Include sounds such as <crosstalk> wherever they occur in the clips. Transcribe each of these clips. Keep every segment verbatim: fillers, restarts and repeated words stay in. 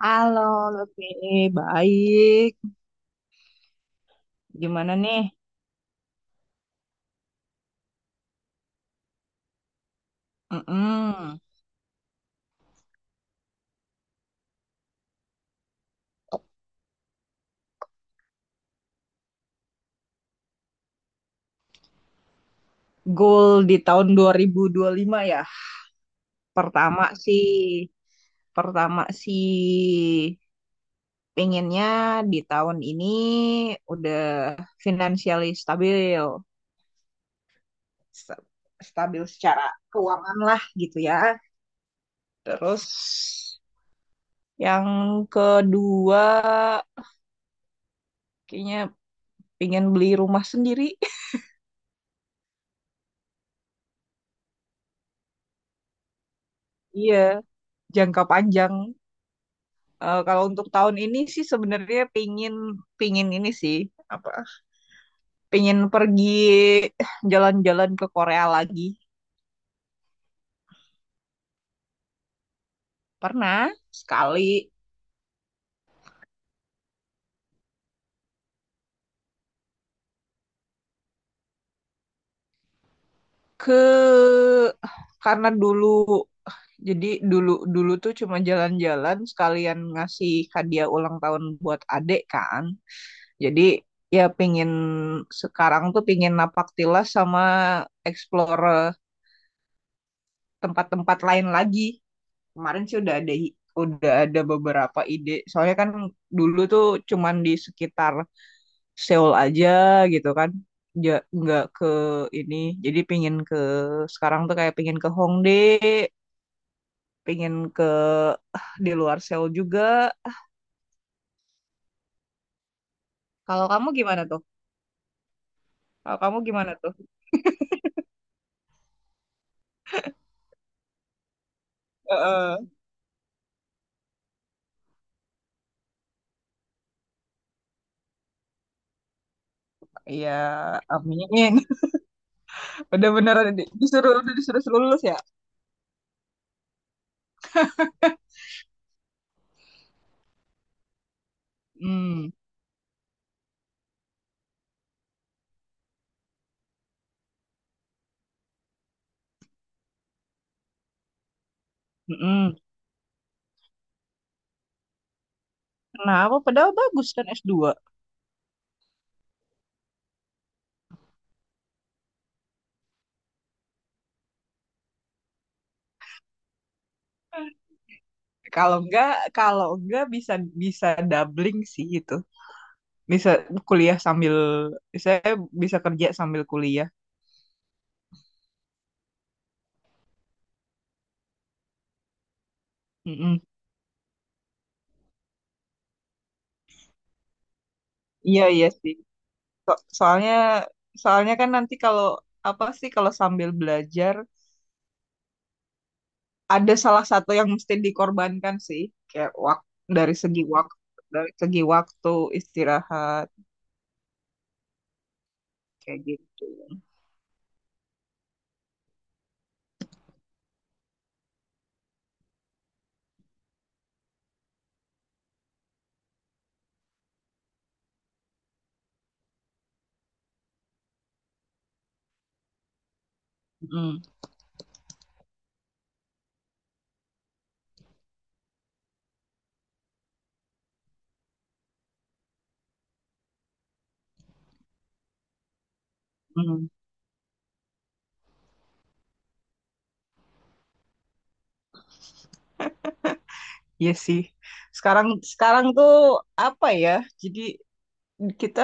Halo, Lutfi. Baik. Gimana nih? Mm-mm. Goal di tahun dua ribu dua puluh lima ya. Pertama sih, pertama sih pengennya di tahun ini udah financially stabil. Sta- Stabil secara keuangan lah gitu ya. Terus yang kedua kayaknya pengen beli rumah sendiri. <laughs> Iya, jangka panjang. Eh, kalau untuk tahun ini sih sebenarnya pingin pingin ini sih apa pingin pergi jalan-jalan ke Korea lagi. Pernah sekali ke karena dulu, jadi dulu dulu tuh cuma jalan-jalan sekalian ngasih hadiah ulang tahun buat adek kan. Jadi ya, pingin sekarang tuh pingin napak tilas sama explore tempat-tempat lain lagi. Kemarin sih udah ada udah ada beberapa ide. Soalnya kan dulu tuh cuman di sekitar Seoul aja gitu kan. Ja, nggak ke ini. Jadi pingin ke sekarang tuh kayak pingin ke Hongdae, pingin ke di luar Seoul juga. Kalau kamu gimana tuh? Kalau kamu gimana tuh? Heeh. Iya, amin. <laughs> Udah beneran di- disuruh udah disuruh lulus ya? Hmm. Mm-mm. Kenapa? Padahal bagus kan s dua. Kalau enggak, kalau enggak bisa bisa doubling sih itu. Bisa kuliah sambil Saya bisa kerja sambil kuliah. Mm-mm. Iya iya sih. So- soalnya soalnya kan nanti kalau apa sih kalau sambil belajar ada salah satu yang mesti dikorbankan sih, kayak waktu dari segi waktu dari segi waktu istirahat kayak gitu. Mm, mm. Iya sih. Sekarang sekarang tuh apa ya? Jadi kita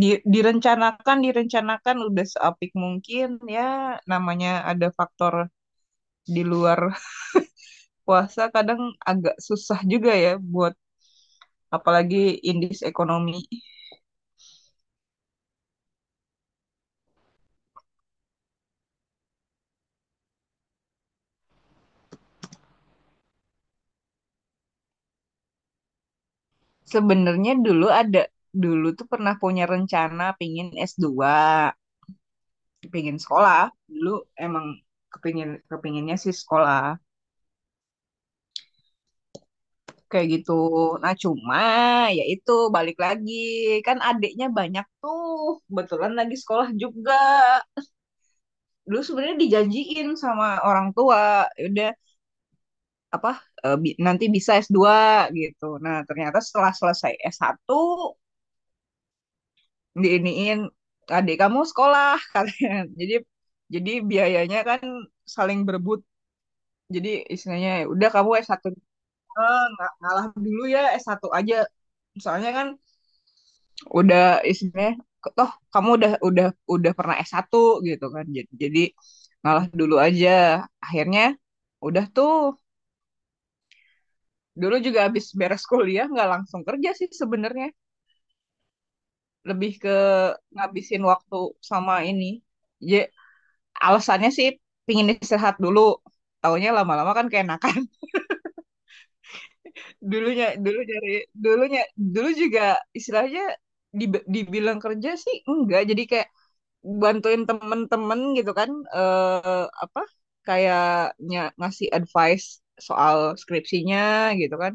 di- direncanakan direncanakan udah seapik mungkin ya, namanya ada faktor di luar puasa, kadang agak susah juga ya buat, apalagi indeks ekonomi. Sebenarnya dulu ada dulu tuh pernah punya rencana pingin s dua, pingin sekolah. Dulu emang kepingin kepinginnya sih sekolah kayak gitu. Nah, cuma ya itu, balik lagi, kan adiknya banyak tuh, kebetulan lagi sekolah juga. Dulu sebenarnya dijanjiin sama orang tua, ya udah, apa eh, bi- nanti bisa s dua gitu, nah ternyata setelah selesai s satu diiniin, adik kamu sekolah katanya. <laughs> jadi jadi biayanya kan saling berebut, jadi istilahnya, Ya udah kamu s satu, eh, nga- ngalah dulu ya, s satu aja, soalnya kan udah, istilahnya, toh kamu udah udah udah pernah s satu gitu kan, jadi jadi ngalah dulu aja. Akhirnya udah tuh. Dulu juga habis beres kuliah nggak langsung kerja sih sebenarnya. Lebih ke ngabisin waktu sama ini. Ya, alasannya sih pingin istirahat dulu. Taunya lama-lama kan keenakan. <laughs> Dulunya, dulu dari Dulunya, dulu juga istilahnya dib- dibilang kerja sih enggak. Jadi kayak bantuin temen-temen gitu kan. Eh, apa? Kayaknya ngasih advice soal skripsinya gitu kan,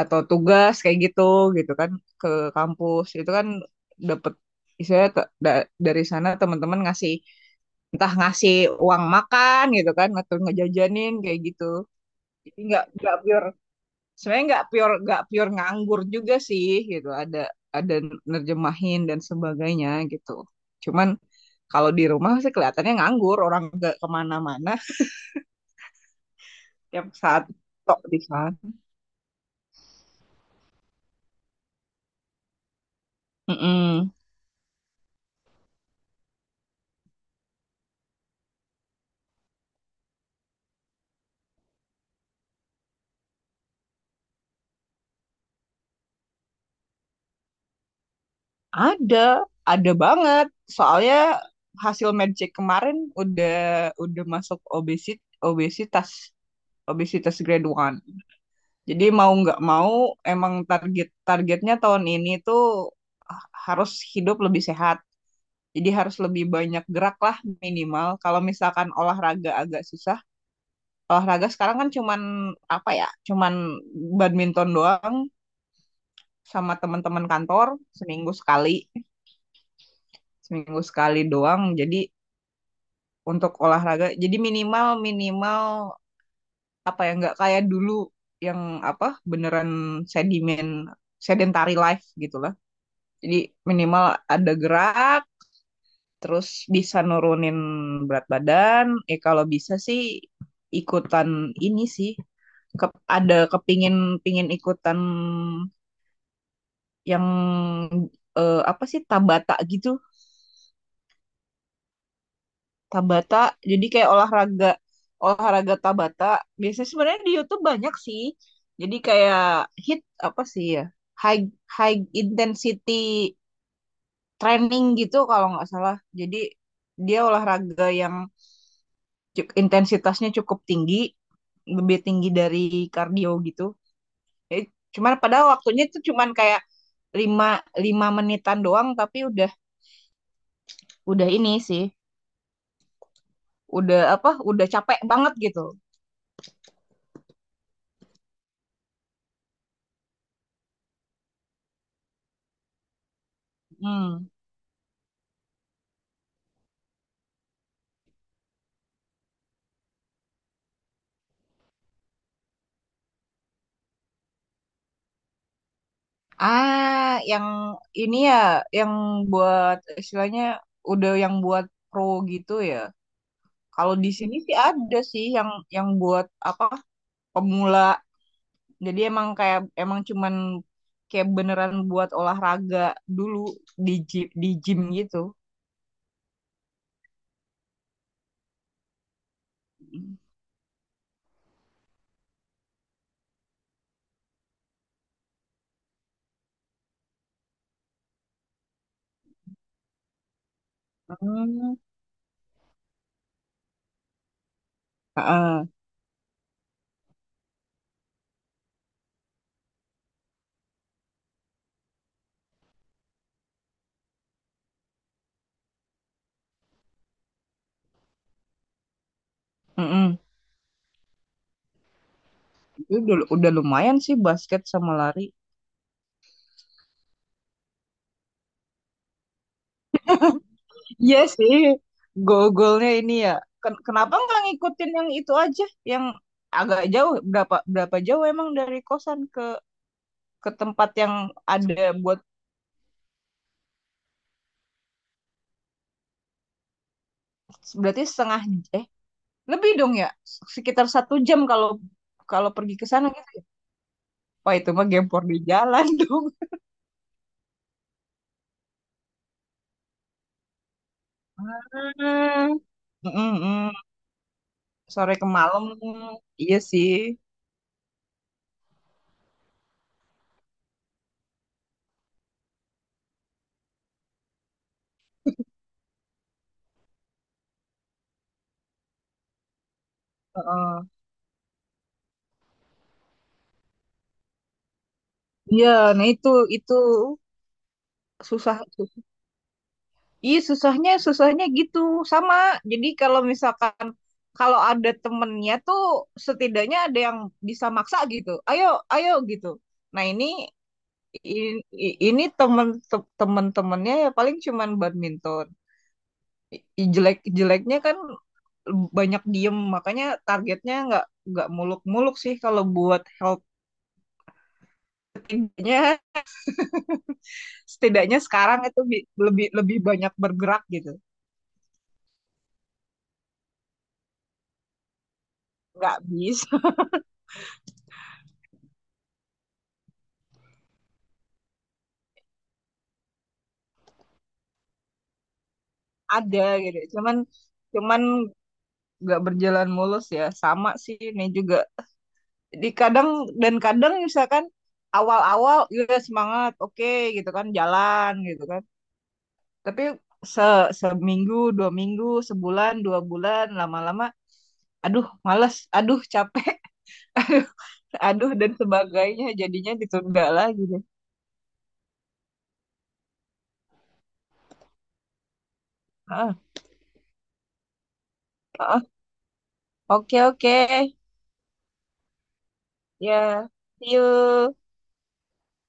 atau tugas kayak gitu gitu kan, ke kampus itu kan, dapet istilahnya, te- da- dari sana teman-teman ngasih, entah ngasih uang makan gitu kan, atau ngejajanin kayak gitu. Jadi nggak nggak pure, sebenarnya nggak pure nggak pure nganggur juga sih gitu, ada ada nerjemahin dan sebagainya gitu, cuman kalau di rumah sih kelihatannya nganggur, orang nggak kemana-mana, tiap saat tok di sana. Mm-mm. Ada, ada banget. Soalnya hasil medcheck kemarin udah udah masuk obesit obesitas obesitas grade one. Jadi mau nggak mau emang target targetnya tahun ini tuh harus hidup lebih sehat. Jadi harus lebih banyak gerak lah, minimal. Kalau misalkan olahraga agak susah, olahraga sekarang kan cuman apa ya? Cuman badminton doang sama teman-teman kantor seminggu sekali, seminggu sekali doang. Jadi untuk olahraga. Jadi minimal minimal apa ya, nggak kayak dulu yang apa, beneran sedimen sedentary life gitulah. Jadi minimal ada gerak, terus bisa nurunin berat badan. Eh kalau bisa sih ikutan ini sih. Ke- ada kepingin pingin ikutan yang eh, apa sih, Tabata gitu. Tabata, jadi kayak olahraga olahraga Tabata, biasanya sebenarnya di YouTube banyak sih, jadi kayak hit apa sih ya, high high intensity training gitu kalau nggak salah. Jadi dia olahraga yang cu- intensitasnya cukup tinggi, lebih tinggi dari kardio gitu. Jadi, cuman padahal waktunya itu cuman kayak lima lima menitan doang tapi udah udah ini sih, udah apa, udah capek banget gitu. Hmm. Ah, yang ini ya, yang buat istilahnya udah yang buat pro gitu ya. Kalau di sini sih ada sih yang yang buat apa, pemula. Jadi emang kayak, emang cuman kayak beneran buat olahraga dulu, di gym, di gym gitu. Hmm. Heeh. Mm-mm. Itu udah, udah lumayan sih basket sama lari. Iya sih, gol ini ya. Ken- Kenapa nggak ngikutin yang itu aja, yang agak jauh? Berapa berapa jauh emang dari kosan ke ke tempat yang ada buat, berarti setengah, eh lebih dong ya, sekitar satu jam kalau kalau pergi ke sana gitu. Wah itu mah gempor di jalan <laughs> dong. Hmm. Mm-mm-mm. Sore ke malam, iya sih. Heeh. Iya, nah itu itu susah. Iya, susahnya susahnya gitu, sama. Jadi kalau misalkan, kalau ada temennya tuh setidaknya ada yang bisa maksa gitu. Ayo ayo gitu. Nah ini, i- i- ini temen te- temen-temennya ya paling cuman badminton. I- i- Jelek-jeleknya kan banyak diem makanya targetnya nggak nggak muluk-muluk sih kalau buat helpingnya setidaknya sekarang itu bi- lebih lebih banyak bergerak gitu nggak bisa. <laughs> Ada gitu, cuman cuman nggak berjalan mulus ya, sama sih ini juga, di kadang, dan kadang misalkan awal-awal ya semangat, oke gitu kan, jalan gitu kan, tapi se seminggu, dua minggu, sebulan, dua bulan, lama-lama aduh males, aduh capek, <laughs> aduh, dan sebagainya, jadinya ditunda lagi deh. Ah, ah, oke, oke, ya, see you.